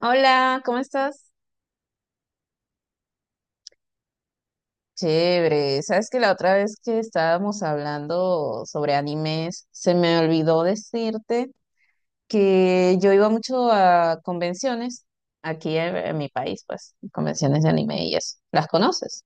Hola, ¿cómo estás? Chévere, sabes que la otra vez que estábamos hablando sobre animes, se me olvidó decirte que yo iba mucho a convenciones aquí en mi país, pues, convenciones de anime y eso. ¿Las conoces?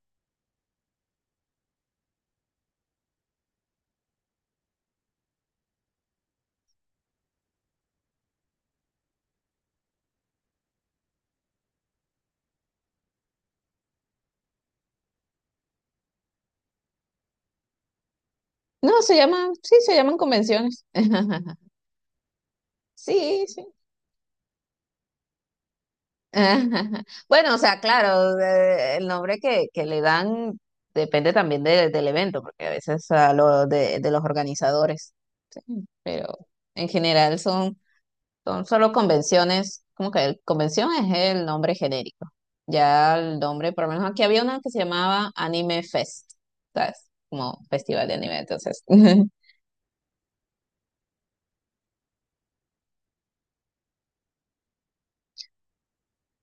No, se llaman, sí, se llaman convenciones. Sí, sí. Bueno, o sea, claro, el nombre que le dan depende también del evento, porque a veces a lo de los organizadores. Mm, pero en general son, son solo convenciones, como que convención es el nombre genérico. Ya el nombre, por lo menos aquí había una que se llamaba Anime Fest, ¿sabes? Como festival de anime, entonces.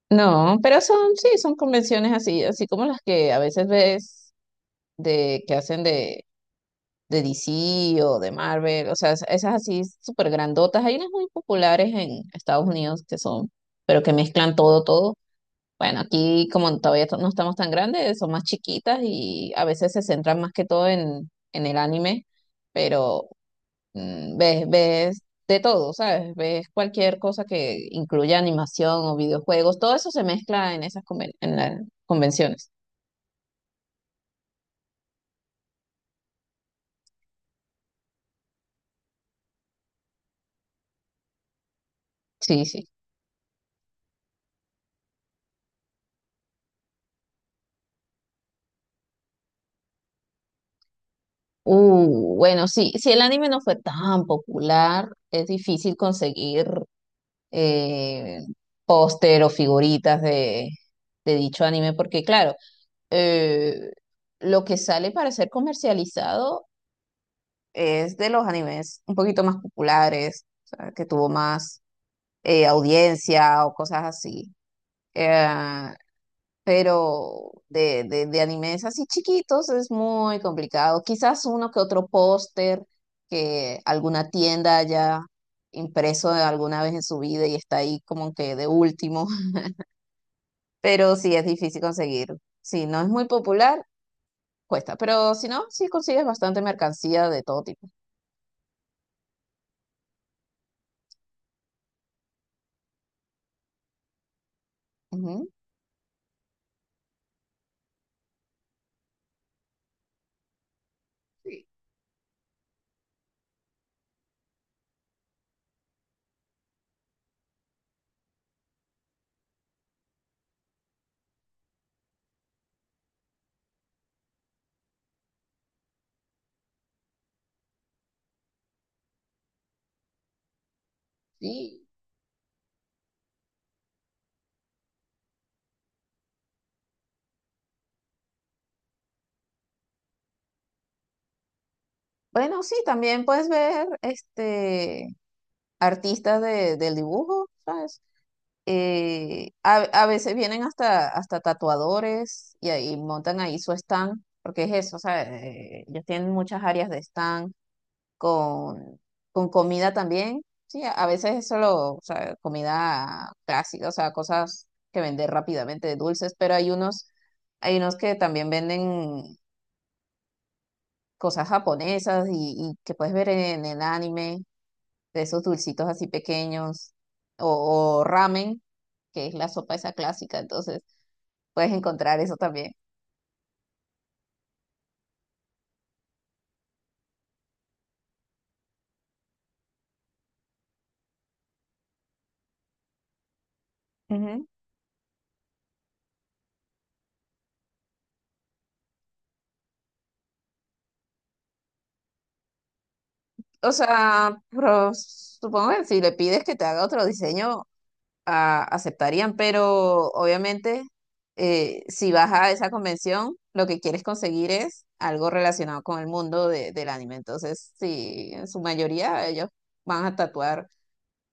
No, pero son, sí, son convenciones así, así como las que a veces ves de que hacen de DC o de Marvel, o sea, esas así súper grandotas. Hay unas muy populares en Estados Unidos que son, pero que mezclan todo, todo. Bueno, aquí como todavía no estamos tan grandes, son más chiquitas y a veces se centran más que todo en el anime, pero ves de todo, ¿sabes? Ves cualquier cosa que incluya animación o videojuegos, todo eso se mezcla en esas en las convenciones. Sí, sí. Bueno, sí, si el anime no fue tan popular, es difícil conseguir eh, póster o figuritas de dicho anime, porque claro, eh, lo que sale para ser comercializado es de los animes un poquito más populares, o sea, que tuvo más audiencia o cosas así. Eh, pero de animes así chiquitos es muy complicado. Quizás uno que otro póster que alguna tienda haya impreso alguna vez en su vida y está ahí como que de último, pero sí es difícil conseguir. Si no es muy popular, cuesta, pero si no, sí consigues bastante mercancía de todo tipo. Ujú. Sí, sí. Bueno, sí, también puedes ver este, artistas del dibujo, ¿sabes? A veces vienen hasta tatuadores y ahí montan ahí su stand, porque es eso, o sea, ellos tienen muchas áreas de stand con, con comida también. Sí, a veces es solo, o sea, comida clásica, o sea, cosas que vender rápidamente, dulces, pero hay unos que también venden cosas japonesas y que puedes ver en el anime, de esos dulcitos así pequeños, o ramen, que es la sopa esa clásica, entonces puedes encontrar eso también. Ujú. O sea, pero supongo que si le pides que te haga otro diseño, aceptarían, pero obviamente si vas a esa convención, lo que quieres conseguir es algo relacionado con el mundo del anime. Entonces, sí, en su mayoría ellos van a tatuar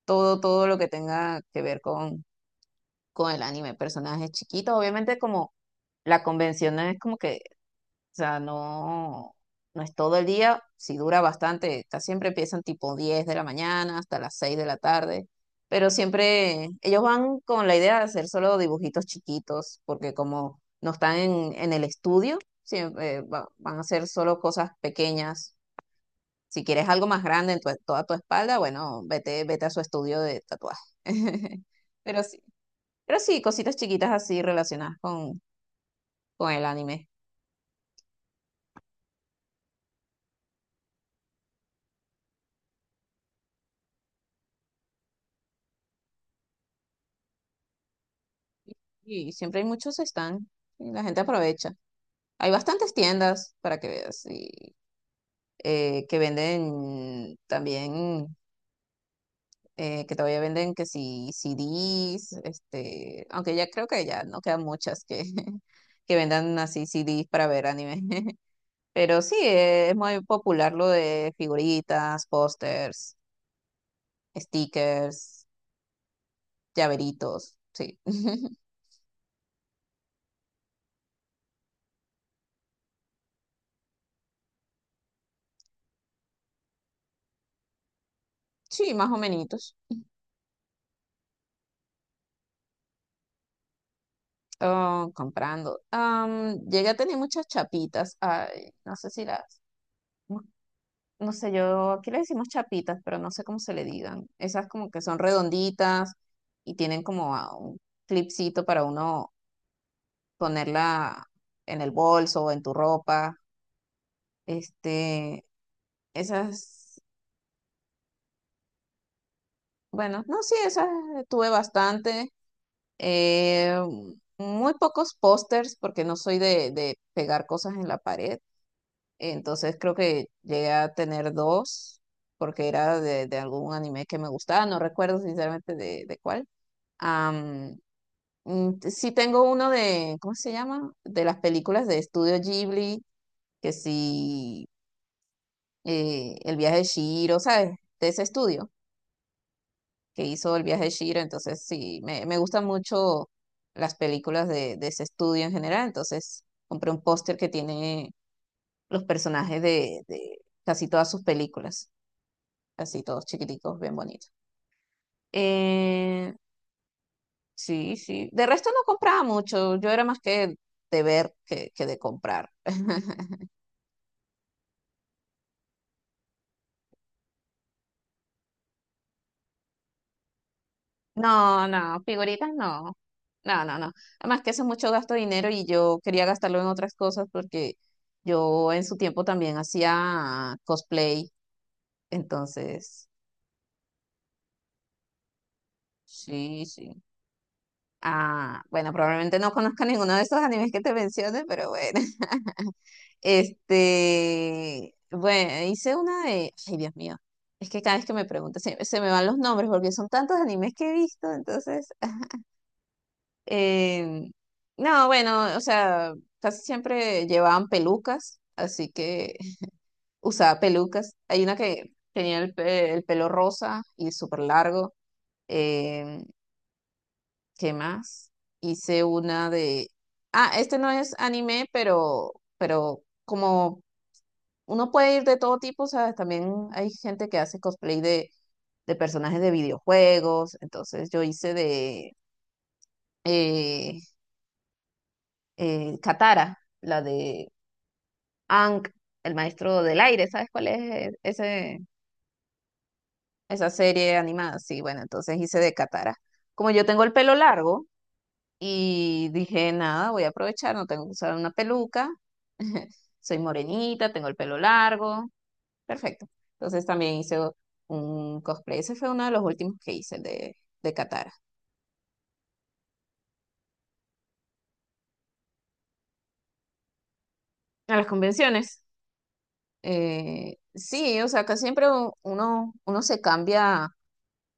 todo, todo lo que tenga que ver con el anime, personajes chiquitos. Obviamente como la convención no es como que o sea, no, no es todo el día, si dura bastante, siempre empiezan tipo 10 de la mañana hasta las 6 de la tarde, pero siempre ellos van con la idea de hacer solo dibujitos chiquitos, porque como no están en el estudio, siempre van a hacer solo cosas pequeñas. Si quieres algo más grande en toda tu espalda, bueno, vete, vete a su estudio de tatuaje. Pero sí, pero sí, cositas chiquitas así relacionadas con el anime. Y siempre hay muchos stand y la gente aprovecha. Hay bastantes tiendas para que veas y, que venden también, que todavía venden que si CDs, este, aunque ya creo que ya no quedan muchas que, que vendan así CDs para ver anime. Pero sí, es muy popular lo de figuritas, pósters, stickers, llaveritos, sí. Sí, más o menos. Oh, comprando. Llegué a tener muchas chapitas. Ay, no sé si las. No, no sé, yo aquí le decimos chapitas, pero no sé cómo se le digan. Esas como que son redonditas y tienen como ah, un clipcito para uno ponerla en el bolso o en tu ropa. Este, esas. Bueno, no, sí, esas tuve bastante. Eh, muy pocos pósters porque no soy de pegar cosas en la pared. Entonces creo que llegué a tener dos, porque era de algún anime que me gustaba, no recuerdo sinceramente de cuál. Am, sí tengo uno de, ¿cómo se llama? De las películas de Estudio Ghibli, que sí, El viaje de Chihiro, ¿sabes? De ese estudio que hizo El viaje de Chihiro, entonces sí, me gustan mucho las películas de ese estudio en general, entonces compré un póster que tiene los personajes de casi todas sus películas. Así todos chiquiticos, bien bonitos. Eh, sí, sí. De resto no compraba mucho, yo era más que de ver que de comprar. No, no, figuritas no. No, no, no. Además que eso es mucho gasto de dinero y yo quería gastarlo en otras cosas porque yo en su tiempo también hacía cosplay. Entonces, sí, sí. Ah, bueno, probablemente no conozca ninguno de esos animes que te mencioné, pero bueno. Este, bueno, hice una de, ay Dios mío, es que cada vez que me preguntas se me van los nombres porque son tantos animes que he visto, entonces, em, no, bueno, o sea, casi siempre llevaban pelucas, así que usaba pelucas. Hay una que tenía el pelo rosa y súper largo. em, ¿Qué más? Hice una de, ah, este no es anime, pero como uno puede ir de todo tipo, ¿sabes? También hay gente que hace cosplay de personajes de videojuegos. Entonces yo hice de eh, Katara, la de Aang, el maestro del aire. ¿Sabes cuál es ese, esa serie animada? Sí, bueno, entonces hice de Katara. Como yo tengo el pelo largo y dije, nada, voy a aprovechar, no tengo que usar una peluca. Soy morenita, tengo el pelo largo. Perfecto. Entonces también hice un cosplay. Ese fue uno de los últimos que hice de Katara. A las convenciones. Sí, o sea, acá siempre uno se cambia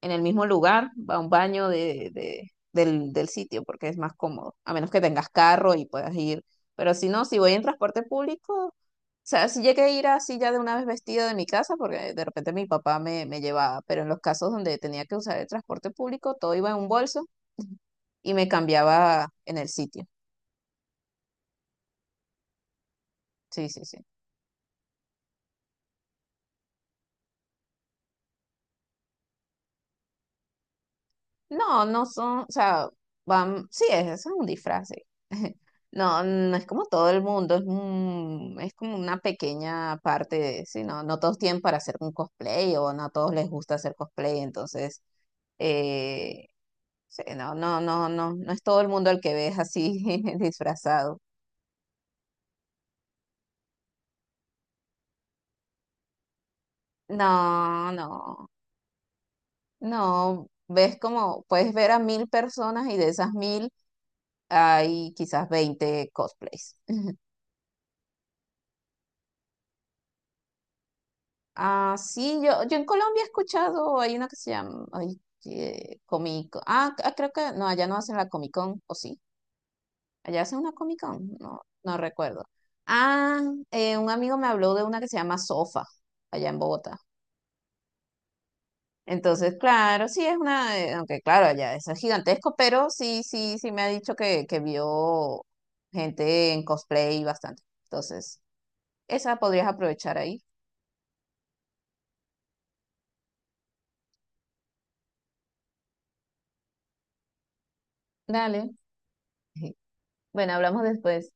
en el mismo lugar, va a un baño del sitio porque es más cómodo, a menos que tengas carro y puedas ir. Pero si no, si voy en transporte público, o sea, si llegué a ir así ya de una vez vestida de mi casa, porque de repente mi papá me llevaba, pero en los casos donde tenía que usar el transporte público, todo iba en un bolso y me cambiaba en el sitio. Sí, sí, sí. No, no son, o sea, van, sí, es un disfraz, sí. No, no es como todo el mundo, es como una pequeña parte de, sí, no, no todos tienen para hacer un cosplay o no a todos les gusta hacer cosplay, entonces, eh, sí, no, no, no, no, no es todo el mundo el que ves así disfrazado. No, no, no, ves como, puedes ver a 1000 personas y de esas 1000 hay quizás 20 cosplays. Ah, sí, yo en Colombia he escuchado, hay una que se llama, ay, Comic, ah, ah, creo que, no, allá no hacen la Comic Con, ¿o sí? Allá hacen una Comic Con, no, no recuerdo. Ah, un amigo me habló de una que se llama Sofa, allá en Bogotá. Entonces, claro, sí es una, aunque claro, allá es gigantesco, pero sí, sí, sí me ha dicho que vio gente en cosplay bastante. Entonces, esa podrías aprovechar ahí. Dale. Bueno, hablamos después.